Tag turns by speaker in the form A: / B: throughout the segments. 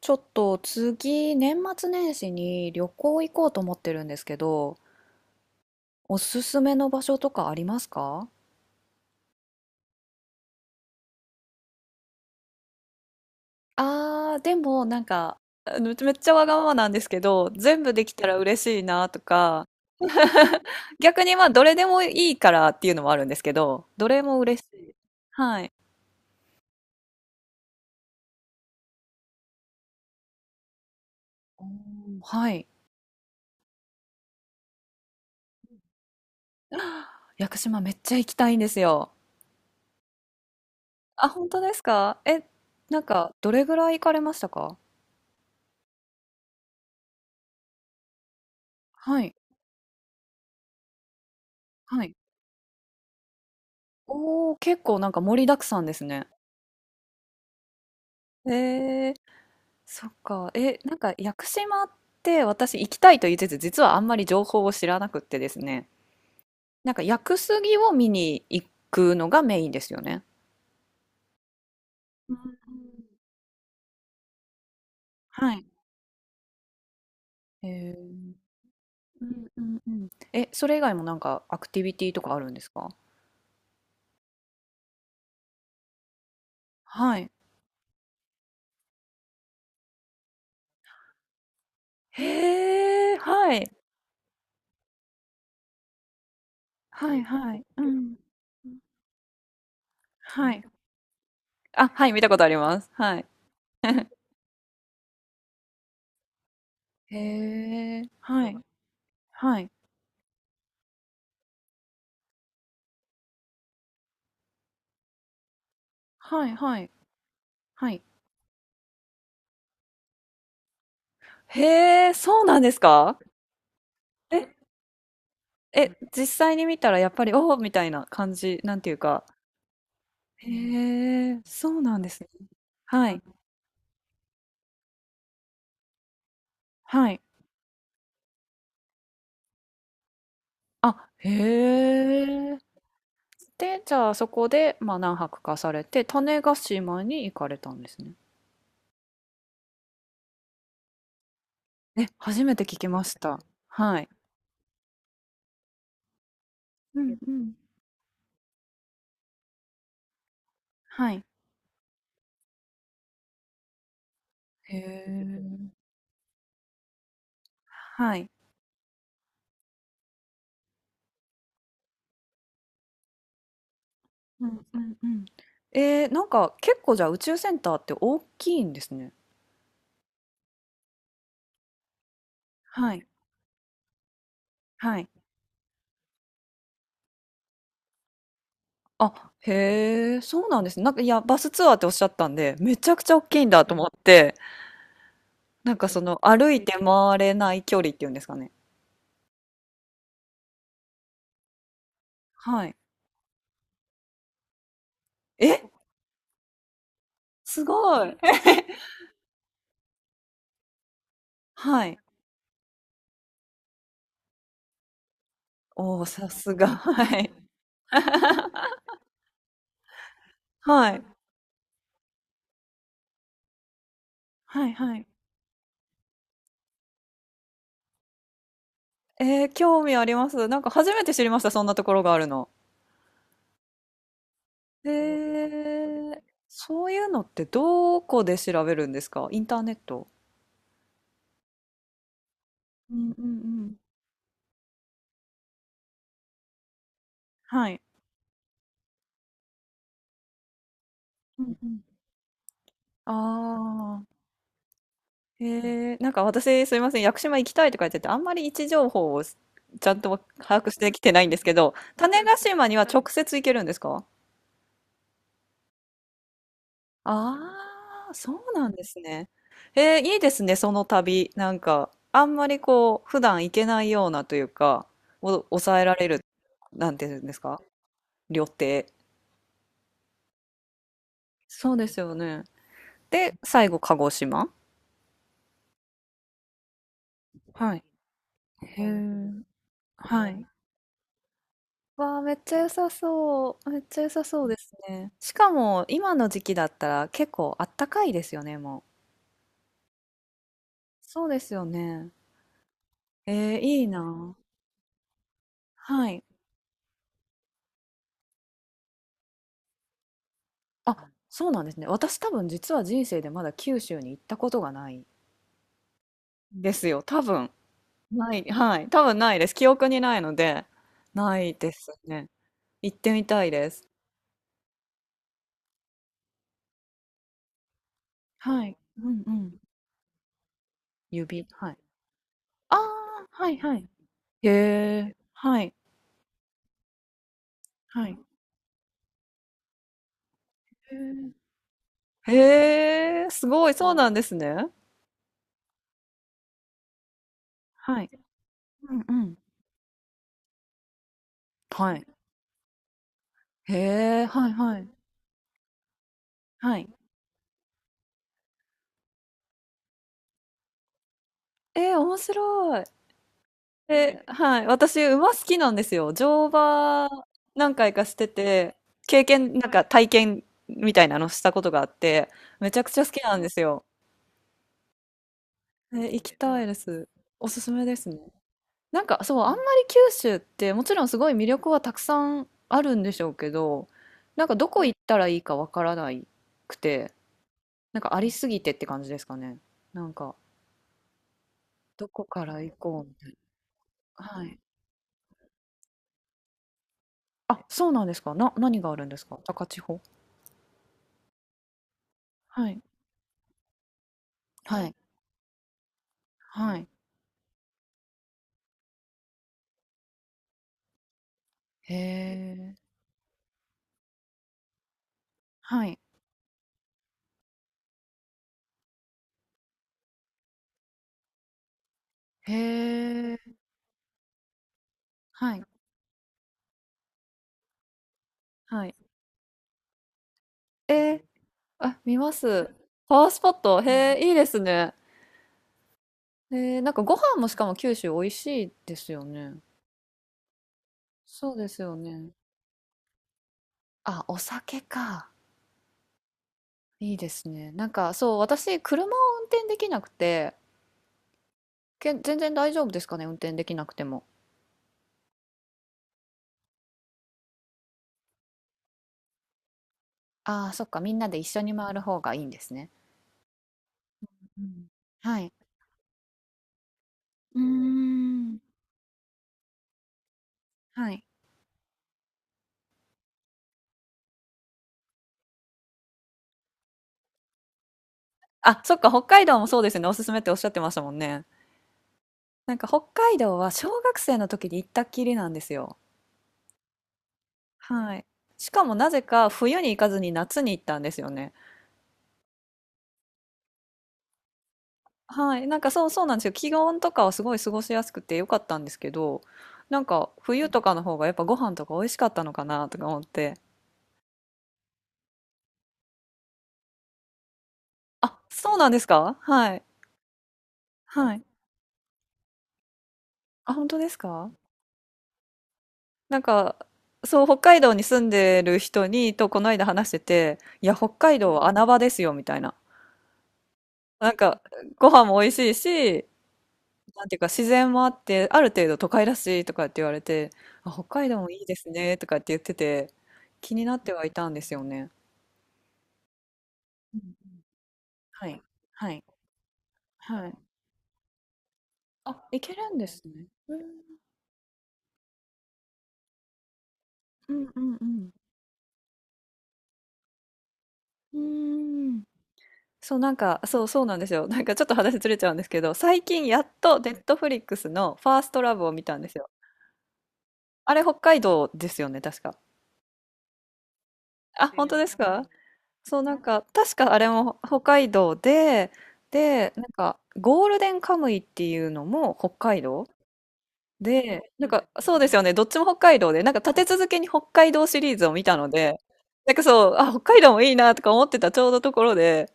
A: ちょっと次、年末年始に旅行行こうと思ってるんですけど、おすすめの場所とかありますか？でもなんか、めっちゃわがままなんですけど、全部できたら嬉しいなとか、逆にどれでもいいからっていうのもあるんですけど、どれも嬉しい。はい。おー、はい。屋久島めっちゃ行きたいんですよ。あ、本当ですか？え、なんか、どれぐらい行かれましたか？はい、はい。おー、結構なんか盛りだくさんですね。えー、そっか。え、屋久島って私行きたいと言いつつ、実はあんまり情報を知らなくってですね。なんか屋久杉を見に行くのがメインですよね。うん、はい。えー、うんうんうん。え、それ以外もなんかアクティビティとかあるんですか？はい。へえ、はい。はいはい。うん。はい。あ、はい、見たことあります。はい。へえ。はい。はい。はい。はい。はい。へえ、そうなんですか？え、え、実際に見たらやっぱり、おおみたいな感じ、なんていうか。へえ、そうなんですね。はい。はい。あ、へえ。で、じゃあそこで、まあ何泊かされて、種子島に行かれたんですね。え、初めて聞きました。はい。うんうん。はい。へえ。はい。うんうんうん。えー、結構じゃあ宇宙センターって大きいんですね。はい。はい。あ、へえ、そうなんですね。なんか、いや、バスツアーっておっしゃったんで、めちゃくちゃ大きいんだと思って、なんかその歩いて回れない距離っていうんですかね。はい。え、すごい。はい。おー、さすが。はい。はい。はいはい。えー、興味あります。なんか初めて知りました、そんなところがあるの。へえー、そういうのってどこで調べるんですか？インターネット？うんうんうん。はい。うんうん。あ、へえ、なんか私すいません、屋久島行きたいとか言ってて、あんまり位置情報をゃんと把握してきてないんですけど、種子島には直接行けるんですか？あ、あー、そうなんですね。えー、いいですね、その旅。なんか、あんまりこう、普段行けないようなというか、を抑えられる、なんていうんですか、旅程。そうですよね。で、最後、鹿児島。はい。へえ。はい。わあ、めっちゃ良さそう。めっちゃ良さそうですね。しかも、今の時期だったら結構あったかいですよね、もう。そうですよね。えー、いいな。はい。あ、そうなんですね。私多分実は人生でまだ九州に行ったことがないんですよ。多分。ない。はい。多分ないです。記憶にないので、ないですね。行ってみたいです。はい。うんうん。指。はい。ああ、はいはい。へえ。はい。はい。へー、へえ、すごい、そうなんですね。はい。うんうん。はい。へえ、はいはい。はい。えー、面白い。え、はい。私、馬好きなんですよ。乗馬何回かしてて、経験、なんか体験みたいなのしたことがあって、めちゃくちゃ好きなんですよ。え、行きたいです。おすすめですね。そう、あんまり九州って、もちろんすごい魅力はたくさんあるんでしょうけど、なんかどこ行ったらいいかわからないくて、なんかありすぎてって感じですかね。なんか、どこから行こうみたいな。はい。あ、そうなんですか。何があるんですか、高千穂？はい。はい。はい。へえ。はい。へえ。はい。はい。えー、あ、見ます。パワースポット。へえ、いいですね。えー、なんかご飯もしかも九州美味しいですよね。そうですよね。あ、お酒か。いいですね。なんかそう、私、車を運転できなくて、全然大丈夫ですかね、運転できなくても。ああ、そっか、みんなで一緒に回る方がいいんですね。うん。はい。うーん。はい。あ、そっか、北海道もそうですよね。おすすめっておっしゃってましたもんね。なんか北海道は小学生の時に行ったっきりなんですよ。はい。しかもなぜか冬に行かずに夏に行ったんですよね。はい。なんかそうそうなんですよ。気温とかはすごい過ごしやすくてよかったんですけど、なんか冬とかの方がやっぱご飯とか美味しかったのかなとか思って。あ、そうなんですか？はい。はい。あ、本当ですか？なんか、そう、北海道に住んでる人に、とこの間話してて、いや、北海道は穴場ですよ、みたいな。なんか、ご飯も美味しいし、なんていうか、自然もあって、ある程度都会らしいとかって言われて、あ、北海道もいいですね、とかって言ってて、気になってはいたんですよね。うん、はい、はい、はい。あ、行けるんですね。うん、うん、うん、うん。うーん、そう、なんか、そう、そうなんですよ。なんかちょっと話ずれちゃうんですけど、最近やっとネットフリックスのファーストラブを見たんですよ。あれ北海道ですよね、確か。あ、本当ですか？そう、なんか、確かあれも北海道で、で、なんか、ゴールデンカムイっていうのも北海道で、なんか、そうですよね、どっちも北海道で、なんか立て続けに北海道シリーズを見たので、なんかそう、あ、北海道もいいなとか思ってたちょうどところで、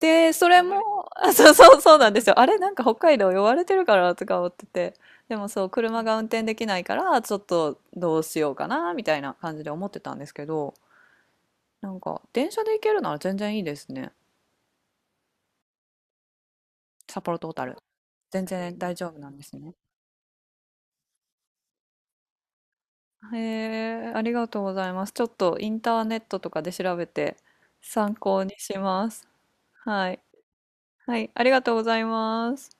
A: で、それも、あ、そうそうそうなんですよ。あれ、なんか北海道呼ばれてるからとか思ってて。でもそう、車が運転できないから、ちょっとどうしようかな、みたいな感じで思ってたんですけど、なんか電車で行けるなら全然いいですね。札幌と小樽。全然大丈夫なんですね。へえ、ありがとうございます。ちょっとインターネットとかで調べて参考にします。はい。はい、ありがとうございます。